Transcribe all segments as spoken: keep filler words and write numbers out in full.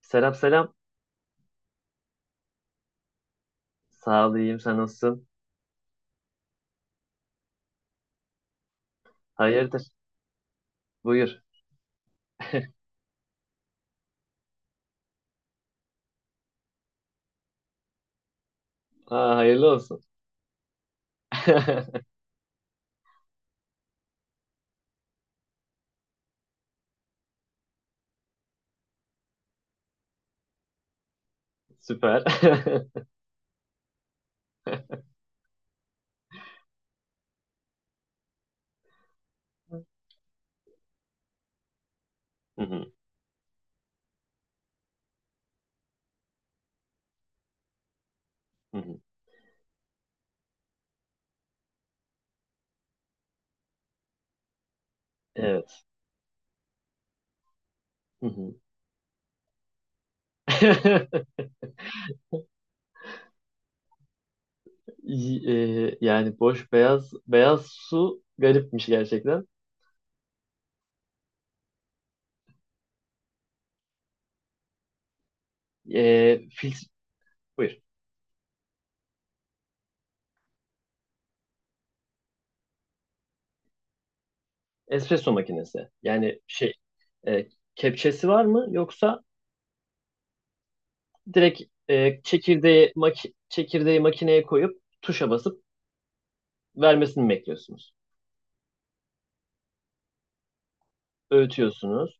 Selam selam. Sağ ol, iyiyim. Sen nasılsın? Hayırdır? Buyur. Aa, hayırlı olsun. Süper. Hı hı, hı hı. Evet. Hı hı. Y- e, yani boş beyaz beyaz su garipmiş gerçekten. E, fil, Buyur. Espresso makinesi. Yani şey, e, kepçesi var mı, yoksa direkt e, çekirdeği maki- çekirdeği makineye koyup tuşa basıp vermesini mi bekliyorsunuz? Öğütüyorsunuz.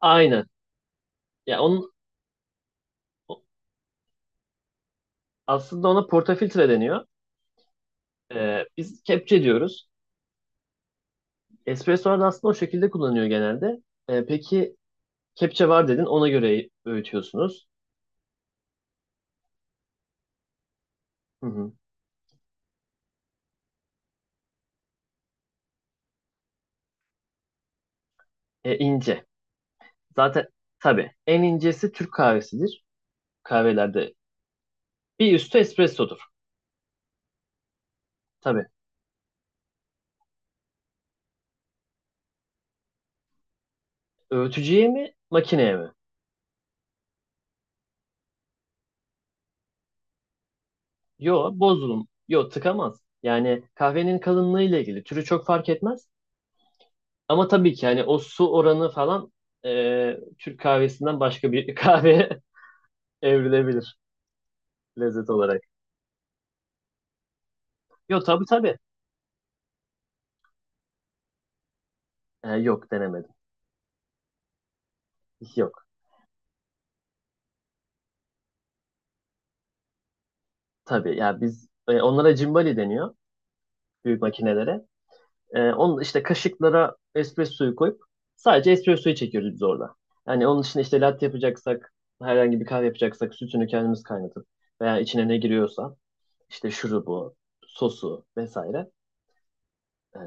Aynen. Ya, onun aslında ona portafiltre deniyor. Ee, biz kepçe diyoruz. Espresso'lar da aslında o şekilde kullanıyor genelde. Ee, peki, kepçe var dedin, ona göre öğütüyorsunuz. Hı hı. E, ince. Zaten tabii en incesi Türk kahvesidir. Kahvelerde bir üstü espressodur. Tabii. Öğütücüye mi, makineye mi? Yo, bozulum. Yo, tıkamaz. Yani kahvenin kalınlığı ile ilgili türü çok fark etmez. Ama tabii ki yani o su oranı falan, e, Türk kahvesinden başka bir kahve evrilebilir lezzet olarak. Yok, tabii tabii. Ee, yok, denemedim. Yok. Tabii, ya biz, e, onlara cimbali deniyor büyük makinelere. E, onun işte kaşıklara espressoyu koyup sadece espressoyu çekiyoruz biz orada. Yani onun için işte latte yapacaksak, herhangi bir kahve yapacaksak sütünü kendimiz kaynatıp veya içine ne giriyorsa işte şurubu, sosu vesaire e,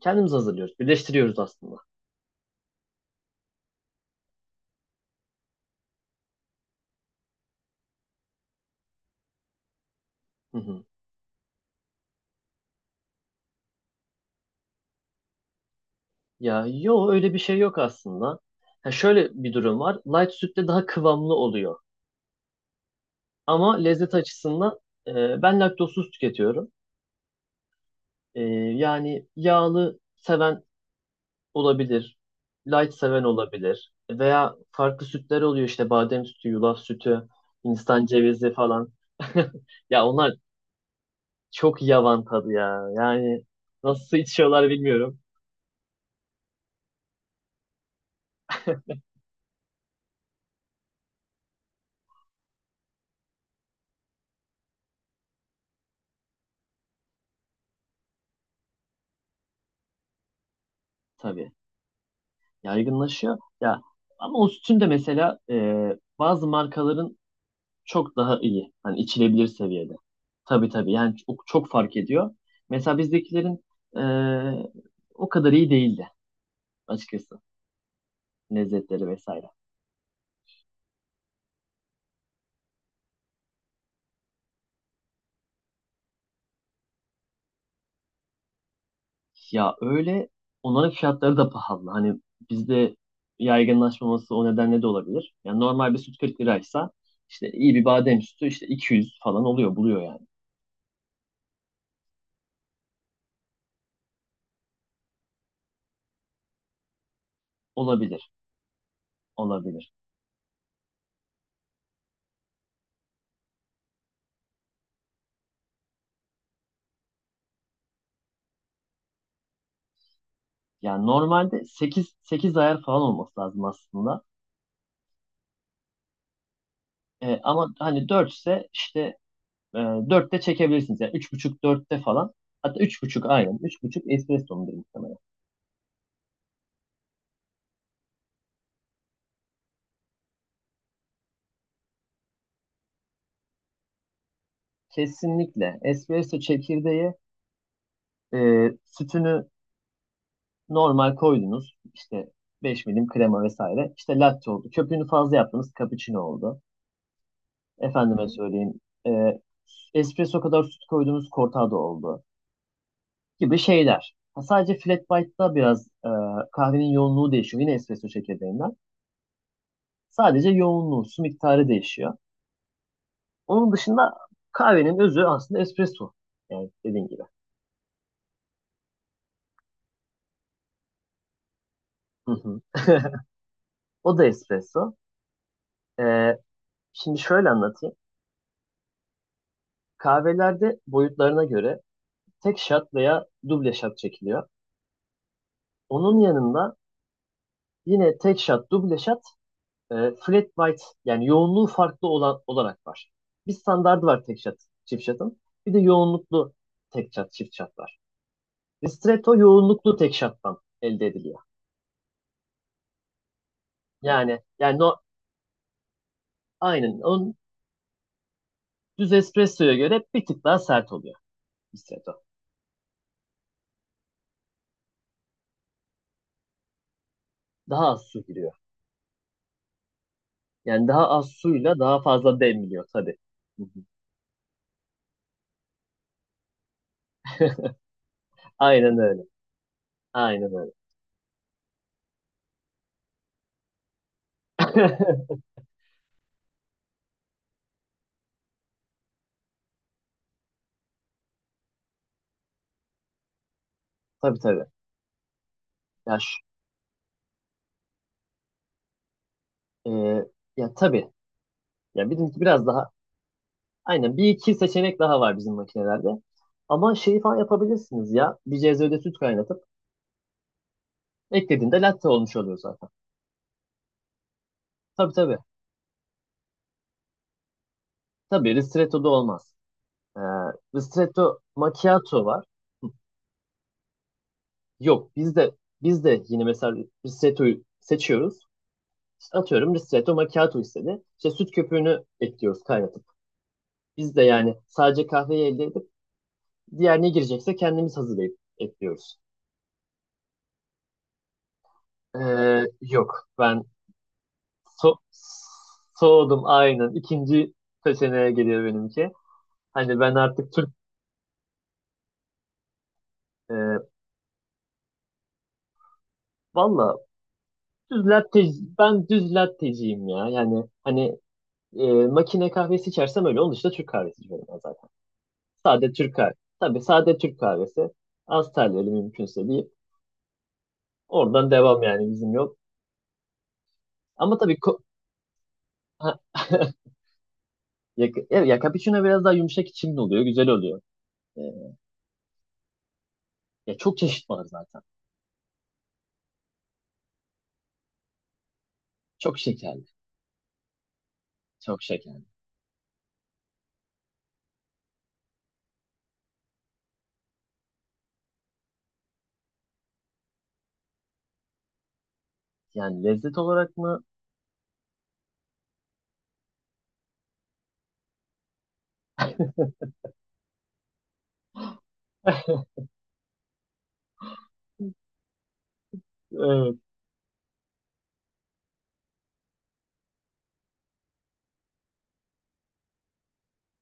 kendimiz hazırlıyoruz. Birleştiriyoruz aslında. Hı hı. Ya yo, öyle bir şey yok aslında. Ha, şöyle bir durum var. Light sütte daha kıvamlı oluyor. Ama lezzet açısından e, ben laktozsuz tüketiyorum. E, Yani yağlı seven olabilir. Light seven olabilir. Veya farklı sütler oluyor, işte badem sütü, yulaf sütü, Hindistan cevizi falan. Ya onlar çok yavan tadı ya. Yani nasıl içiyorlar bilmiyorum. Tabii, yaygınlaşıyor. Ya ama o sütün de mesela e, bazı markaların çok daha iyi. Hani içilebilir seviyede. Tabii tabii. Yani çok, çok fark ediyor. Mesela bizdekilerin eee, o kadar iyi değildi açıkçası. Lezzetleri vesaire. Ya öyle, onların fiyatları da pahalı. Hani bizde yaygınlaşmaması o nedenle de olabilir. Yani normal bir süt kırk liraysa işte iyi bir badem sütü işte iki yüz falan oluyor, buluyor yani. Olabilir, olabilir. Yani normalde sekiz sekiz ayar falan olması lazım aslında. E, ama hani dört ise işte, E, dörtte çekebilirsiniz. Yani üç buçuk dörtte falan. Hatta üç buçuk aynen. Üç buçuk espresso espresso'mudur muhtemelen. Kesinlikle espresso çekirdeği, e, sütünü normal koydunuz. İşte beş milim krema vesaire. İşte latte oldu. Köpüğünü fazla yaptınız. Cappuccino oldu. Efendime söyleyeyim. E, Espresso kadar süt koydunuz. Cortado oldu. Gibi şeyler. Ha, sadece flat white'da biraz e, kahvenin yoğunluğu değişiyor. Yine espresso çekirdeğinden. Sadece yoğunluğu, su miktarı değişiyor. Onun dışında kahvenin özü aslında espresso. Yani dediğin gibi. Hı hı. O da espresso. Ee, Şimdi şöyle anlatayım. Kahvelerde boyutlarına göre tek shot veya duble shot çekiliyor. Onun yanında yine tek shot, duble shot, e, flat white, yani yoğunluğu farklı olan olarak var. Bir standardı var tek shot, çift shot'ın. Bir de yoğunluklu tek shot, çift shot var. Ristretto yoğunluklu tek shot'tan elde ediliyor. Yani yani, no, aynen. Onun, düz espressoya göre bir tık daha sert oluyor ristretto. Daha az su giriyor. Yani daha az suyla daha fazla demliyor tabii. Hı hı. Aynen öyle. Aynen öyle. Tabii tabii. Ya, şu- e, ya tabii. Ya bizimki biraz daha, aynen, bir iki seçenek daha var bizim makinelerde. Ama şeyi falan yapabilirsiniz ya. Bir cezvede süt kaynatıp eklediğinde latte olmuş oluyor zaten. Tabii tabii. Tabii ristretto da olmaz. Ee, Ristretto macchiato var. Yok, biz de biz de yine mesela Ristreto'yu seçiyoruz. İşte atıyorum, Ristretto Macchiato istedi. İşte süt köpüğünü ekliyoruz, kaynatıp. Biz de yani sadece kahveyi elde edip diğer ne girecekse kendimiz hazırlayıp ekliyoruz. Ee, yok, ben so soğudum aynen. İkinci seçeneğe geliyor benimki. Hani ben artık Türk, e, valla, düz latte, ben düz latteciyim ya. Yani hani, e, makine kahvesi içersem öyle. Onun dışında Türk kahvesi içiyorum ben. Sade Türk kahvesi. Tabii, sade Türk kahvesi. Az terliyeli mümkünse, deyip oradan devam, yani bizim yok. Ama tabii, ko- ha, ya, ya ya cappuccino biraz daha yumuşak içimli oluyor. Güzel oluyor. Ee, Ya, çok çeşit var zaten. Çok şekerli. Çok şekerli. Yani lezzet olarak mı? Evet.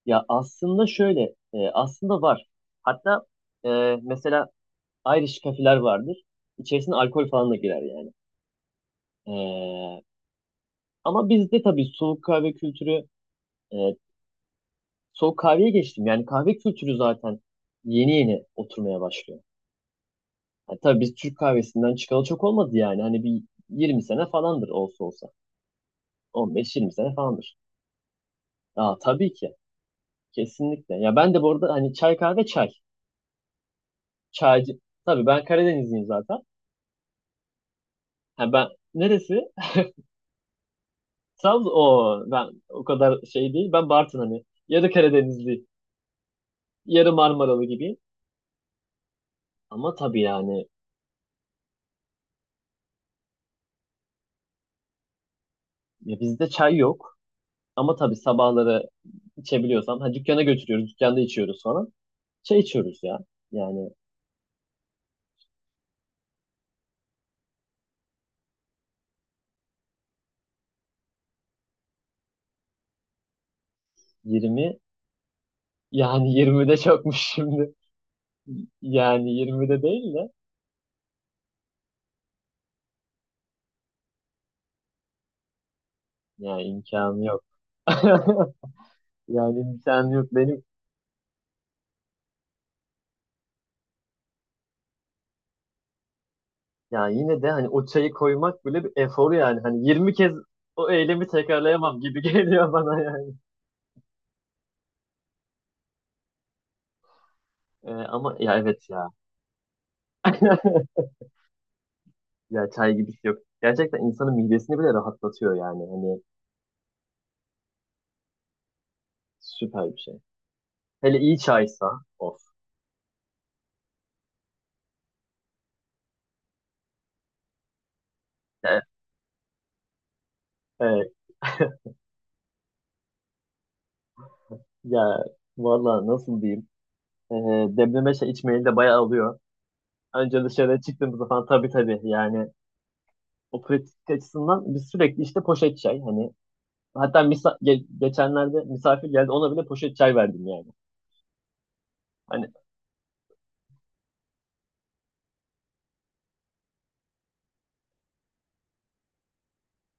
Ya, aslında şöyle. E, aslında var. Hatta e, mesela Irish kafeler vardır. İçerisine alkol falan da girer yani. Ee, Ama bizde tabii soğuk kahve kültürü, e, soğuk kahveye geçtim. Yani kahve kültürü zaten yeni yeni oturmaya başlıyor. Ha, tabii biz Türk kahvesinden çıkalı çok olmadı yani. Hani bir yirmi sene falandır olsa olsa. on beş yirmi sene falandır. Aa, tabii ki. Kesinlikle. Ya ben de bu arada hani çay, kahve, çay. Çaycı. Tabii ben Karadenizliyim zaten. Ha, ben, neresi? Trabzon. O ben o kadar şey değil. Ben Bartın, hani. Yarı Karadenizli, yarı Marmaralı gibi. Ama tabii yani, ya bizde çay yok. Ama tabii sabahları içebiliyorsam. Ha, dükkana götürüyoruz. Dükkanda içiyoruz falan. Şey içiyoruz ya. Yani yirmi, yani yirmi çokmuş şimdi. Yani yirmi değil de, yani imkanı yok. Yani imkanı yok benim. Yani yine de hani o çayı koymak bile bir efor yani. Hani yirmi kez o eylemi tekrarlayamam gibi geliyor bana yani. Ee, ama ya, evet ya. Ya çay gibisi yok. Gerçekten insanın midesini bile rahatlatıyor yani. Hani süper bir şey. Hele iyi çaysa, of. Evet. Evet. Ya valla, nasıl diyeyim? Ee, Demleme şey içmeyi de bayağı alıyor. Önce dışarıya çıktığımızda falan tabii tabii, yani o pratik açısından biz sürekli işte poşet çay, hani, hatta misa- ge- geçenlerde misafir geldi, ona bile poşet çay verdim yani. Hani,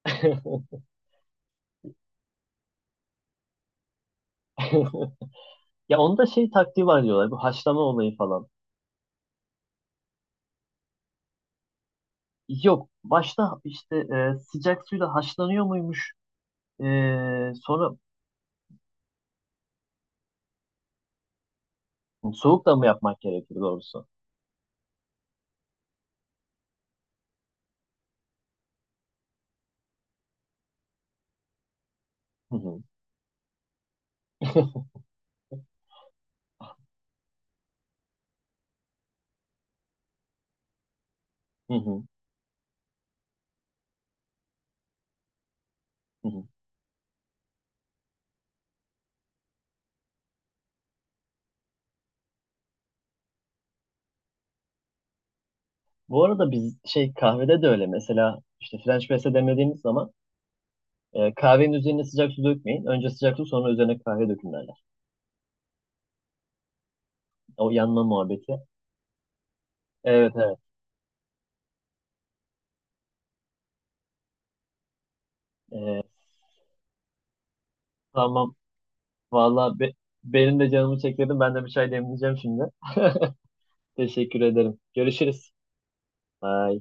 ya, onda şey taktiği var diyorlar, bu haşlama olayı falan. Yok, başta işte, e, sıcak suyla haşlanıyor muymuş? E, sonra soğuk da mı yapmak gerekir doğrusu? Hı hı. Hı hı. Hı hı. Bu arada biz şey, kahvede de öyle, mesela işte French press'e demlediğimiz zaman e, kahvenin üzerine sıcak su dökmeyin. Önce sıcak su, sonra üzerine kahve dökün derler. O yanma muhabbeti. Evet evet. E, tamam. Vallahi, be- benim de canımı çekledim. Ben de bir çay demleyeceğim şimdi. Teşekkür ederim. Görüşürüz. Bye.